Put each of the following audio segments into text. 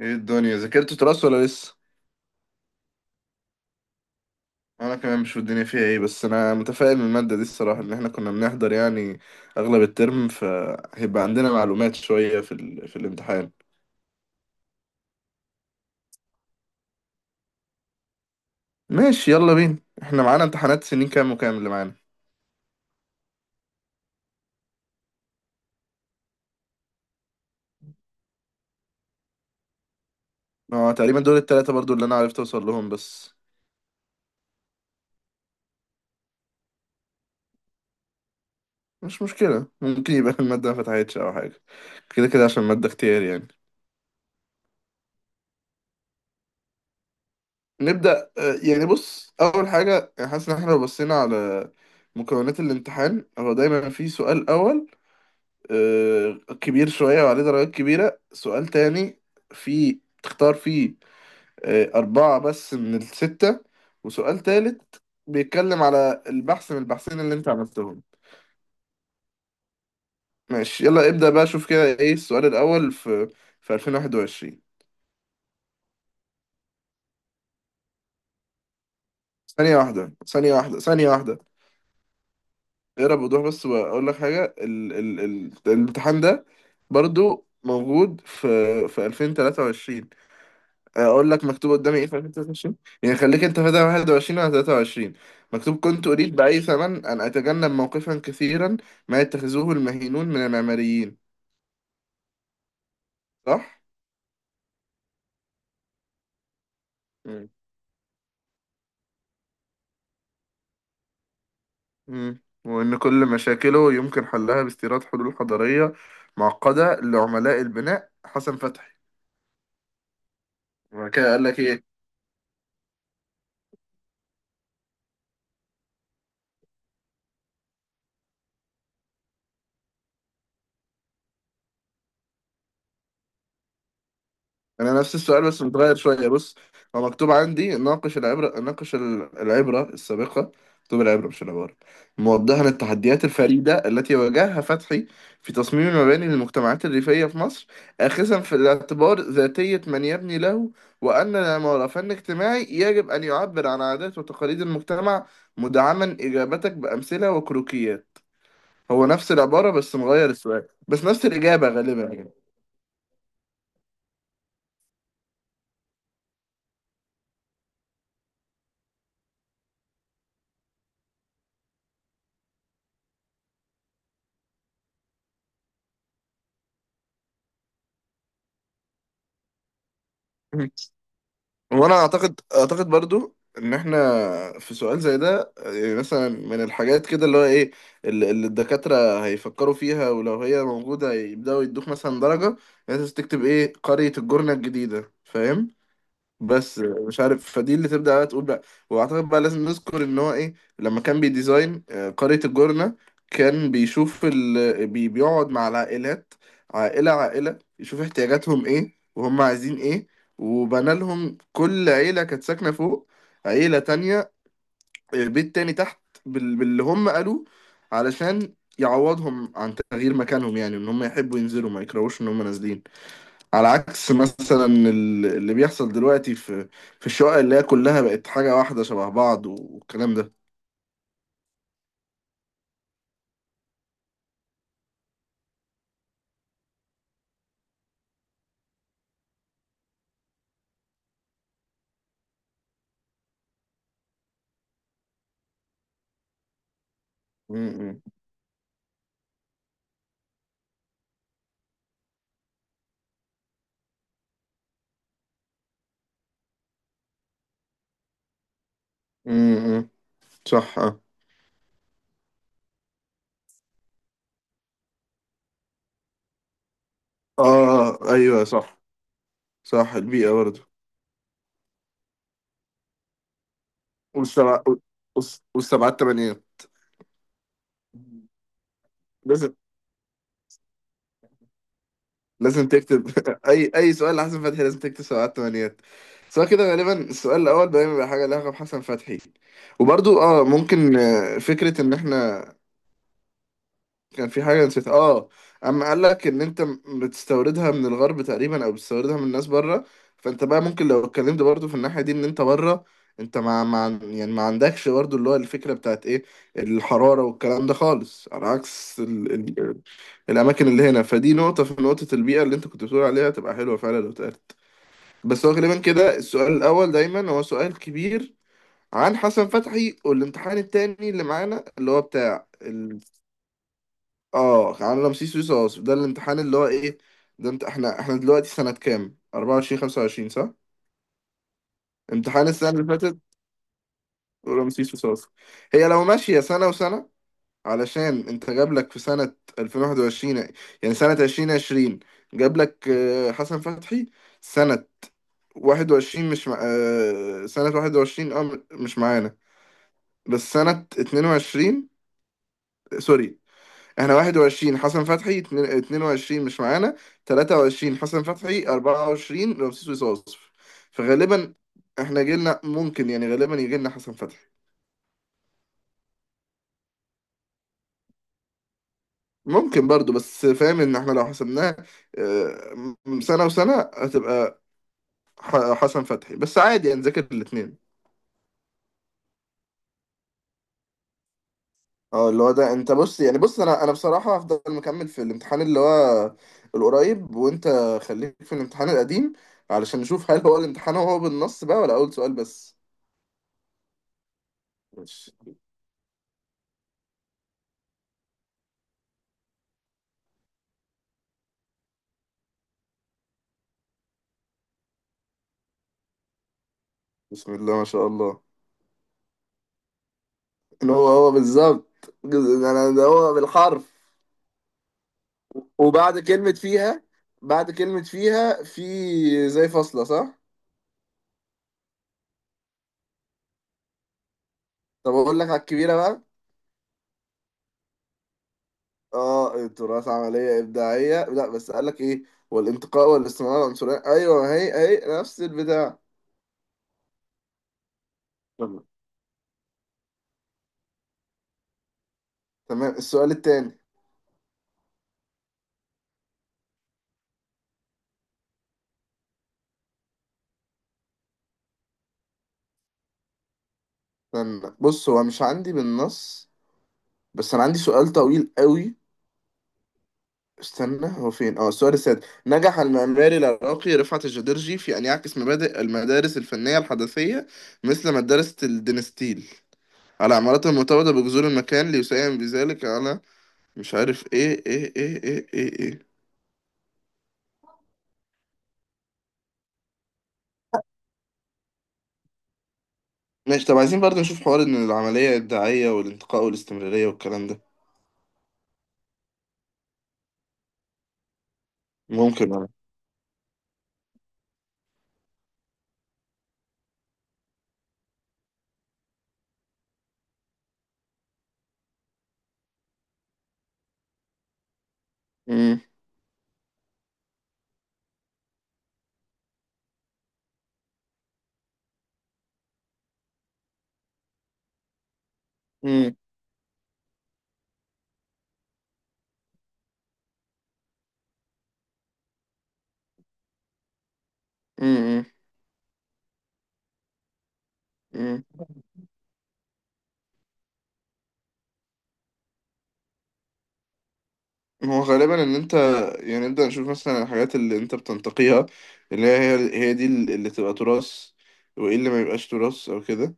ايه الدنيا ذاكرت تراث ولا لسه؟ انا كمان مش في الدنيا فيها ايه، بس انا متفائل من الماده دي الصراحه، ان احنا كنا بنحضر يعني اغلب الترم، فهيبقى عندنا معلومات شويه في الامتحان. ماشي يلا بينا، احنا معانا امتحانات سنين كام وكام اللي معانا؟ اه تقريبا دول التلاتة برضو اللي انا عرفت اوصل لهم بس. مش مشكله، ممكن يبقى الماده ما فتحتش او حاجه، كده كده عشان الماده اختياري يعني. نبدا. يعني بص، اول حاجه حاسس ان احنا لو بصينا على مكونات الامتحان، هو دايما في سؤال اول آه، كبير شوية وعليه درجات كبيرة، سؤال تاني في تختار فيه أربعة بس من الستة، وسؤال تالت بيتكلم على البحث من البحثين اللي أنت عملتهم. ماشي يلا ابدأ بقى، شوف كده إيه السؤال الأول في 2021. ثانية واحدة ثانية واحدة ثانية واحدة. اقرا بوضوح بس وأقول لك حاجة، ال الامتحان ده برضو موجود في 2023. اقول لك مكتوب قدامي ايه في 2023، يعني خليك انت في 21 على 23. مكتوب كنت اريد باي ثمن ان اتجنب موقفا كثيرا ما يتخذوه المهينون من المعماريين. صح. مم. مم. وان كل مشاكله يمكن حلها باستيراد حلول حضاريه معقده لعملاء البناء، حسن فتحي. وبعد كده قال لك ايه؟ انا نفس السؤال بس متغير شويه بص. هو مكتوب عندي ناقش العبره، العبره السابقه. مكتوب العبره مش العباره، موضحا التحديات الفريده التي واجهها فتحي في تصميم المباني للمجتمعات الريفيه في مصر، اخذا في الاعتبار ذاتيه من يبني له، وان العماره فن اجتماعي يجب ان يعبر عن عادات وتقاليد المجتمع، مدعما اجابتك بامثله وكروكيات. هو نفس العباره بس مغير السؤال، بس نفس الاجابه غالبا. يعني وانا اعتقد برضو ان احنا في سؤال زي ده، يعني مثلا من الحاجات كده اللي هو ايه اللي الدكاترة هيفكروا فيها، ولو هي موجودة يبدأوا يدوك مثلا درجة. لازم تكتب ايه، قرية الجرنة الجديدة، فاهم؟ بس مش عارف، فدي اللي تبدأ بقى تقول بقى. واعتقد بقى لازم نذكر ان هو ايه، لما كان بيديزاين قرية الجونة، كان بيشوف بيقعد مع العائلات عائلة عائلة، يشوف احتياجاتهم ايه وهم عايزين ايه، وبنى لهم. كل عيلة كانت ساكنة فوق، عيلة تانية بيت تاني تحت باللي هم قالوه، علشان يعوضهم عن تغيير مكانهم، يعني ان هم يحبوا ينزلوا، ما يكرهوش ان هم نازلين. على عكس مثلا اللي بيحصل دلوقتي في الشقق اللي هي كلها بقت حاجة واحدة شبه بعض والكلام ده. م- م- م- م. صح اه. ايوه صح. صح، البيئة برضه، والسبعة والسبعات تمانيات. لازم لازم تكتب اي سؤال لحسن فتحي لازم تكتب سبعات تمانيات، سواء كده. غالبا السؤال الاول دايما بيبقى حاجه لها علاقه بحسن فتحي. وبرضو اه ممكن فكره، ان احنا كان في حاجة نسيت اه، اما قال لك ان انت بتستوردها من الغرب تقريبا، او بتستوردها من الناس بره. فانت بقى ممكن لو اتكلمت برضو في الناحية دي، ان انت بره انت ما يعني ما عندكش برضو اللي هو الفكرة بتاعت ايه، الحرارة والكلام ده خالص، على عكس ال... الاماكن اللي هنا. فدي نقطة، في نقطة البيئة اللي انت كنت بتقول عليها تبقى حلوة فعلا لو اتقالت. بس هو غالبا كده السؤال الاول دايما هو سؤال كبير عن حسن فتحي، والامتحان التاني اللي معانا اللي هو بتاع. اه عن رمسيس رصاص، ده الامتحان اللي هو ايه. ده انت، احنا دلوقتي سنة كام، 24 25 صح؟ امتحان السنة اللي فاتت ورمسيس رصاص. هي لو ماشية سنة وسنة، علشان انت جاب لك في سنة 2021، يعني سنة 2020، جاب لك حسن فتحي. سنة 21 مش مع... آه، سنة 21 اه مش معانا، بس سنة 22. سوري، احنا 21 حسن فتحي، 22 مش معانا، 23 حسن فتحي، 24 رمسيس وصوصف. فغالبا احنا جيلنا ممكن يعني غالبا يجيلنا حسن فتحي. ممكن برضو، بس فاهم ان احنا لو حسبناه سنة وسنة، هتبقى حسن فتحي بس. عادي يعني نذاكر الاتنين. اه اللي هو ده انت بص، يعني بص انا بصراحة هفضل مكمل في الامتحان اللي هو القريب، وانت خليك في الامتحان القديم، علشان نشوف هل هو الامتحان هو بالنص بقى ولا اول سؤال بس. ماشي. بسم الله ما شاء الله، إن هو هو بالظبط. انا ده هو بالحرف. وبعد كلمة فيها، في زي فاصلة صح؟ طب أقول لك على الكبيرة بقى. اه التراث عملية إبداعية، لا بس قال لك إيه، والانتقاء والاستمرار العنصرية، أيوه هي هي نفس البتاع. تمام. تمام، السؤال التاني. استنى بص، هو مش عندي بالنص، بس أنا عندي سؤال طويل قوي. استنى هو فين. اه، السؤال السادس، نجح المعماري العراقي رفعت الجدرجي في أن يعكس مبادئ المدارس الفنية الحدثية مثل مدرسة الدنستيل على عمارته المتواضعة بجذور المكان ليساهم بذلك على مش عارف ايه ايه ايه ايه ايه، إيه. ماشي، طب عايزين برضه نشوف حوار ان العملية الدعائية والانتقاء والاستمرارية والكلام ده. ممكن ولا. مم. مم. مم. مم. هو غالبا ان انت، يعني نبدأ نشوف مثلا الحاجات اللي انت بتنتقيها، اللي هي دي اللي تبقى تراث، وايه اللي ما يبقاش تراث او كده.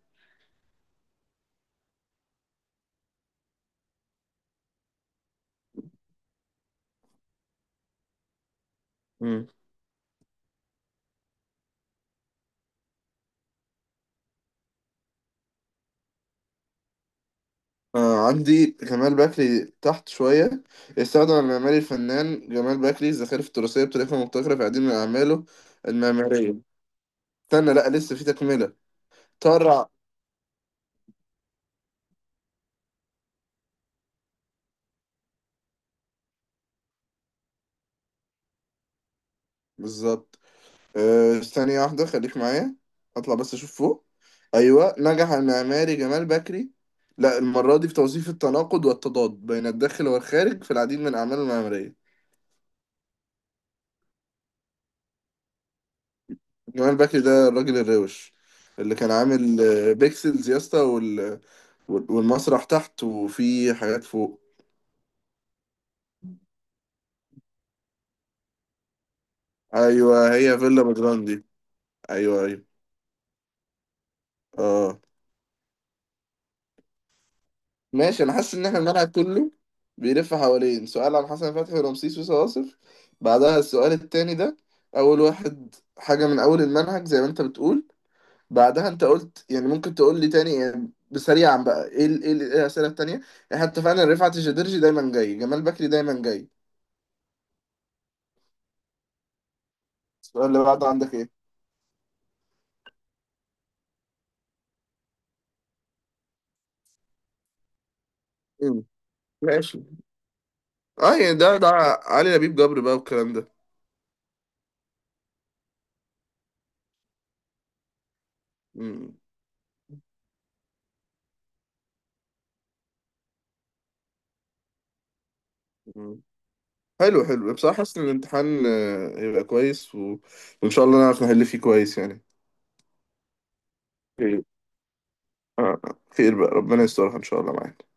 مم. آه عندي جمال بكري تحت شوية. استخدم المعماري الفنان جمال بكري الزخارف التراثية بطريقة مبتكرة في عديد من أعماله المعمارية. استنى لأ، لسه في تكملة. طرع بالظبط. أه ثانية واحدة خليك معايا، اطلع بس اشوف فوق. ايوه، نجح المعماري جمال بكري، لا المرة دي في توظيف التناقض والتضاد بين الداخل والخارج في العديد من اعماله المعمارية. جمال بكري ده الراجل الروش، اللي كان عامل بيكسلز يا اسطى والمسرح تحت، وفي حاجات فوق. ايوه هي فيلا بجراندي. ايوه ايوه اه. ماشي، انا حاسس ان احنا الملعب كله بيلف حوالين سؤال عن حسن فتحي ورمسيس وصواصف، بعدها السؤال التاني ده، اول واحد حاجة من اول المنهج زي ما انت بتقول. بعدها انت قلت، يعني ممكن تقول لي تاني يعني بسريعا بقى، إيه الاسئلة التانية. احنا اتفقنا ان رفعت الجديرجي دايما جاي، جمال بكري دايما جاي. السؤال اللي بعده عندك ايه؟ مم. ماشي اه، يعني ده علي لبيب جبر بقى والكلام ده. مم. حلو حلو بصراحة، حاسس إن الامتحان هيبقى كويس، و... وإن شاء الله نعرف نحل فيه كويس يعني. خير. آه، خير بقى، ربنا يسترها إن شاء الله معاك.